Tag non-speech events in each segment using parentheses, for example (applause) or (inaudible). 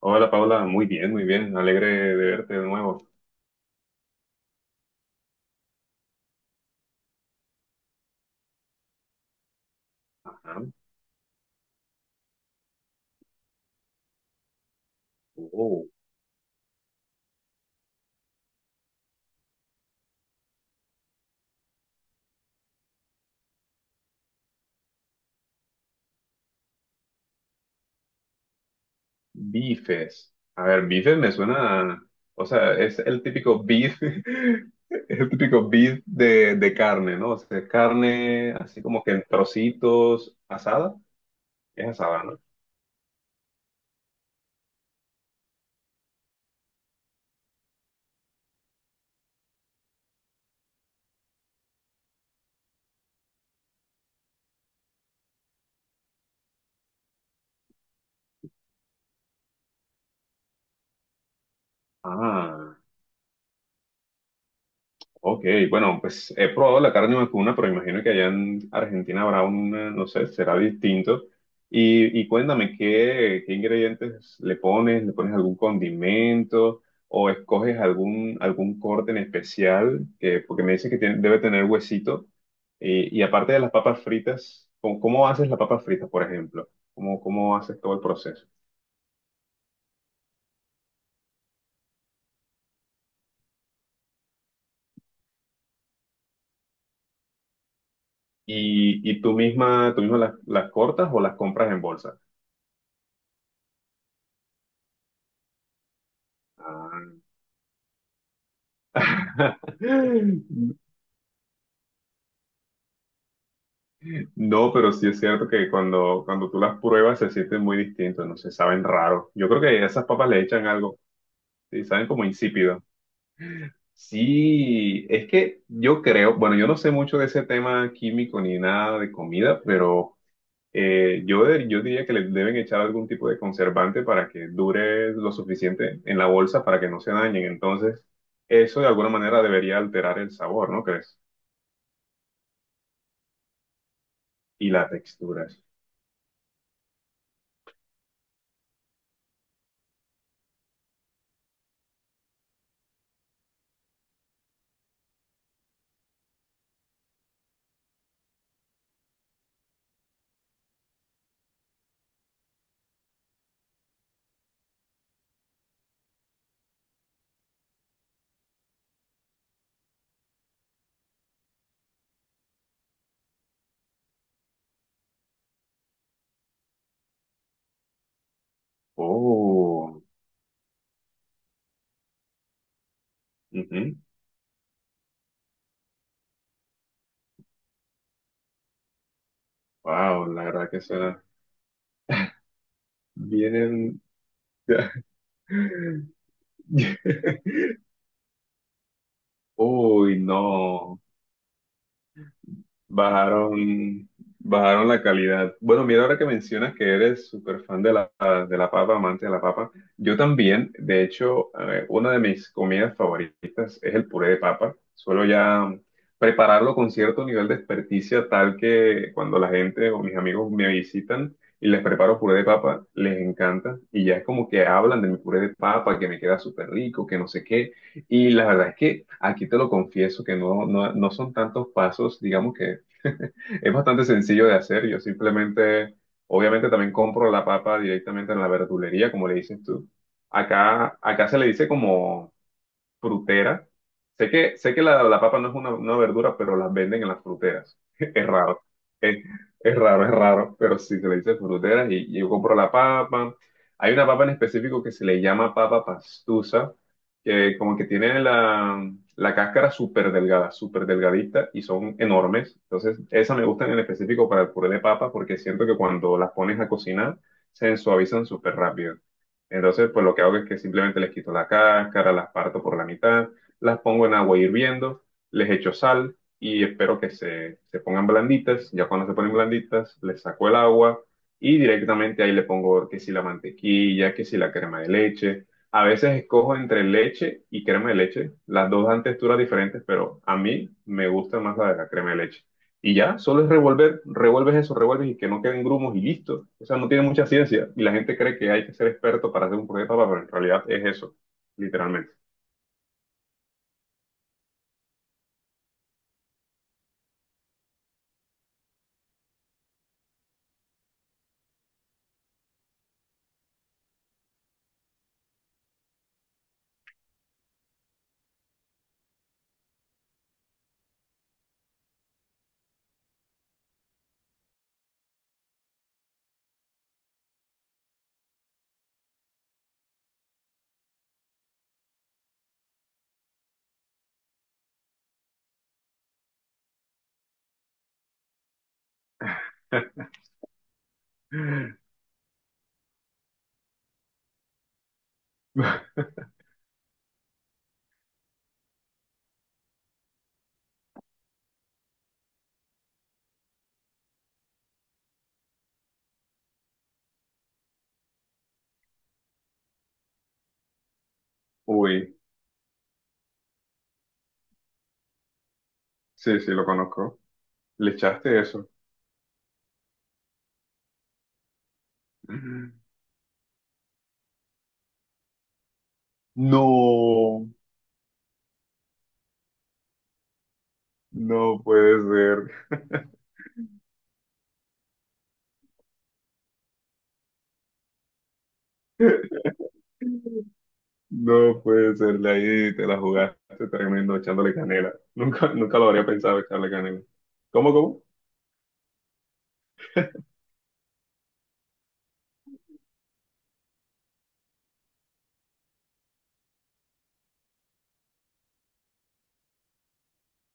Hola Paula, muy bien, alegre de verte de nuevo. Ajá. Oh, bifes. A ver, bifes me suena, o sea, es el típico beef, (laughs) el típico beef de carne, ¿no? O sea, carne así como que en trocitos, asada, es asada, ¿no? Ah. Ok, bueno, pues he probado la carne vacuna, pero imagino que allá en Argentina habrá una, no sé, será distinto. Y cuéntame, ¿ qué ingredientes le pones? ¿Le pones algún condimento o escoges algún corte en especial? Que, porque me dices que debe tener huesito. Y aparte de las papas fritas, ¿ cómo haces las papas fritas, por ejemplo? ¿Cómo, cómo haces todo el proceso? ¿Y tú misma las cortas o las compras en bolsa? Ah. No, pero sí es cierto que cuando tú las pruebas se sienten muy distintos, no se saben raro. Yo creo que a esas papas le echan algo, y saben como insípido. Sí, es que yo creo, bueno, yo no sé mucho de ese tema químico ni nada de comida, pero yo diría que le deben echar algún tipo de conservante para que dure lo suficiente en la bolsa para que no se dañen. Entonces, eso de alguna manera debería alterar el sabor, ¿no crees? Y la textura. Oh. Wow, la verdad que suena. Vienen. (laughs) Uy, no. Bajaron, bajaron la calidad. Bueno, mira, ahora que mencionas que eres súper fan de la papa, amante de la papa, yo también, de hecho, una de mis comidas favoritas es el puré de papa. Suelo ya prepararlo con cierto nivel de experticia, tal que cuando la gente o mis amigos me visitan y les preparo puré de papa, les encanta. Y ya es como que hablan de mi puré de papa, que me queda súper rico, que no sé qué. Y la verdad es que aquí te lo confieso, que no, no, no son tantos pasos, digamos que (laughs) es bastante sencillo de hacer. Yo simplemente, obviamente también compro la papa directamente en la verdulería, como le dices tú. Acá, acá se le dice como frutera. Sé que la papa no es una verdura, pero las venden en las fruteras. (laughs) Es raro. Es, es raro, pero sí se le dice fruteras y yo compro la papa. Hay una papa en específico que se le llama papa pastusa, que como que tiene la cáscara súper delgada, súper delgadita y son enormes. Entonces, esas me gustan en específico para el puré de papa porque siento que cuando las pones a cocinar, se suavizan súper rápido. Entonces, pues lo que hago es que simplemente les quito la cáscara, las parto por la mitad, las pongo en agua hirviendo, les echo sal y espero que se pongan blanditas. Ya cuando se ponen blanditas, les saco el agua y directamente ahí le pongo que si la mantequilla, que si la crema de leche. A veces escojo entre leche y crema de leche. Las dos dan texturas diferentes, pero a mí me gusta más la de la crema de leche. Y ya, solo es revolver, revuelves eso, revuelves y que no queden grumos y listo. O sea, no tiene mucha ciencia y la gente cree que hay que ser experto para hacer un proyecto, pero en realidad es eso, literalmente. (laughs) Uy, sí, sí, lo conozco. Le echaste eso. No, no puede ser. (laughs) No puede ser, de ahí te la jugaste tremendo echándole canela. Nunca, nunca lo habría pensado echarle canela. ¿Cómo, cómo?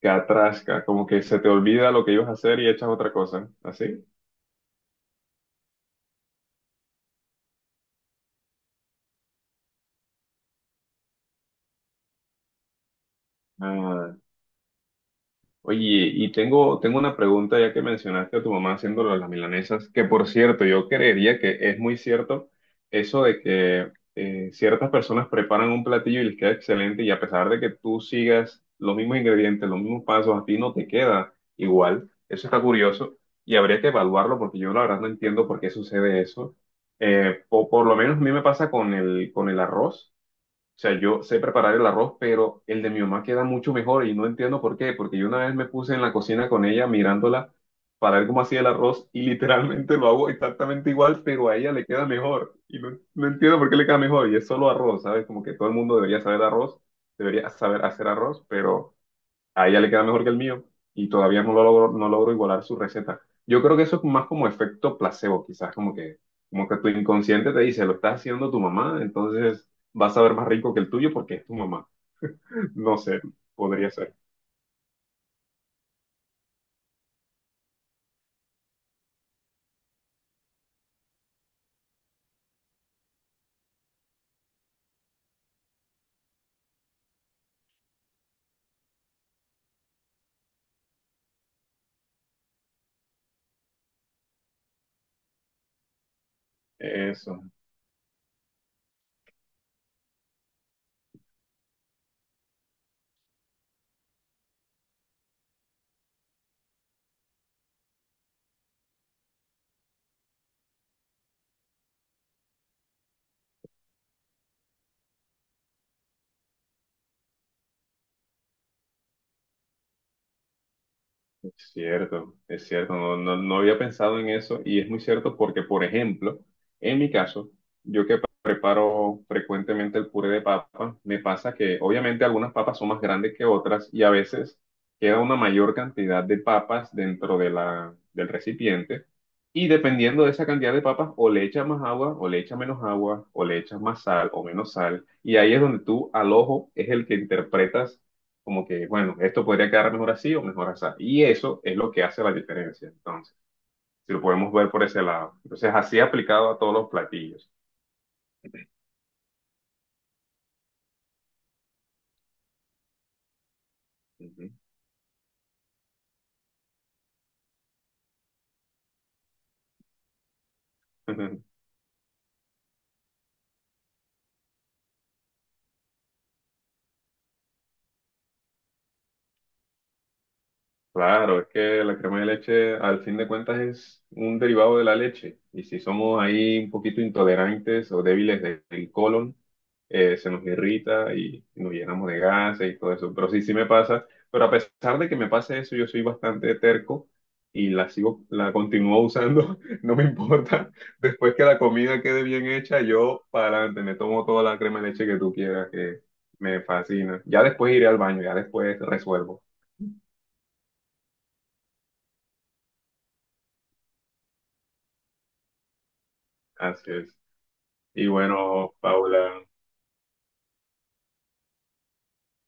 Catrasca, como que se te olvida lo que ibas a hacer y echas otra cosa, ¿así? Ah, oye, tengo una pregunta ya que mencionaste a tu mamá haciendo lo de las milanesas, que por cierto, yo creería que es muy cierto eso de que ciertas personas preparan un platillo y les queda excelente y a pesar de que tú sigas los mismos ingredientes, los mismos pasos, a ti no te queda igual. Eso está curioso y habría que evaluarlo porque yo la verdad no entiendo por qué sucede eso. Por lo menos a mí me pasa con con el arroz. O sea, yo sé preparar el arroz, pero el de mi mamá queda mucho mejor y no entiendo por qué, porque yo una vez me puse en la cocina con ella mirándola para ver cómo hacía el arroz y literalmente lo hago exactamente igual, pero a ella le queda mejor y no, no entiendo por qué le queda mejor y es solo arroz, ¿sabes? Como que todo el mundo debería saber arroz, debería saber hacer arroz, pero a ella le queda mejor que el mío y todavía no lo logro, no logro igualar su receta. Yo creo que eso es más como efecto placebo, quizás como que tu inconsciente te dice, lo está haciendo tu mamá, entonces vas a ver más rico que el tuyo porque es tu mamá. (laughs) No sé, podría ser. Eso. Es cierto, no, no, no había pensado en eso y es muy cierto porque, por ejemplo, en mi caso, yo que preparo frecuentemente el puré de papa, me pasa que obviamente algunas papas son más grandes que otras y a veces queda una mayor cantidad de papas dentro de del recipiente y dependiendo de esa cantidad de papas o le echas más agua o le echas menos agua o le echas más sal o menos sal y ahí es donde tú al ojo es el que interpretas como que, bueno, esto podría quedar mejor así o mejor así. Y eso es lo que hace la diferencia, entonces, si lo podemos ver por ese lado. Entonces, así aplicado a todos los platillos. Ujú. (laughs) Claro, es que la crema de leche al fin de cuentas es un derivado de la leche y si somos ahí un poquito intolerantes o débiles del colon, se nos irrita y nos llenamos de gases y todo eso. Pero sí, sí me pasa, pero a pesar de que me pase eso, yo soy bastante terco y la sigo, la continúo usando, (laughs) no me importa. Después que la comida quede bien hecha, yo para adelante me tomo toda la crema de leche que tú quieras, que me fascina. Ya después iré al baño, ya después resuelvo. Así es. Y bueno, Paula,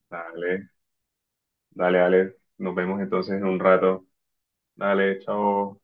dale, dale, dale. Nos vemos entonces en un rato. Dale, chao.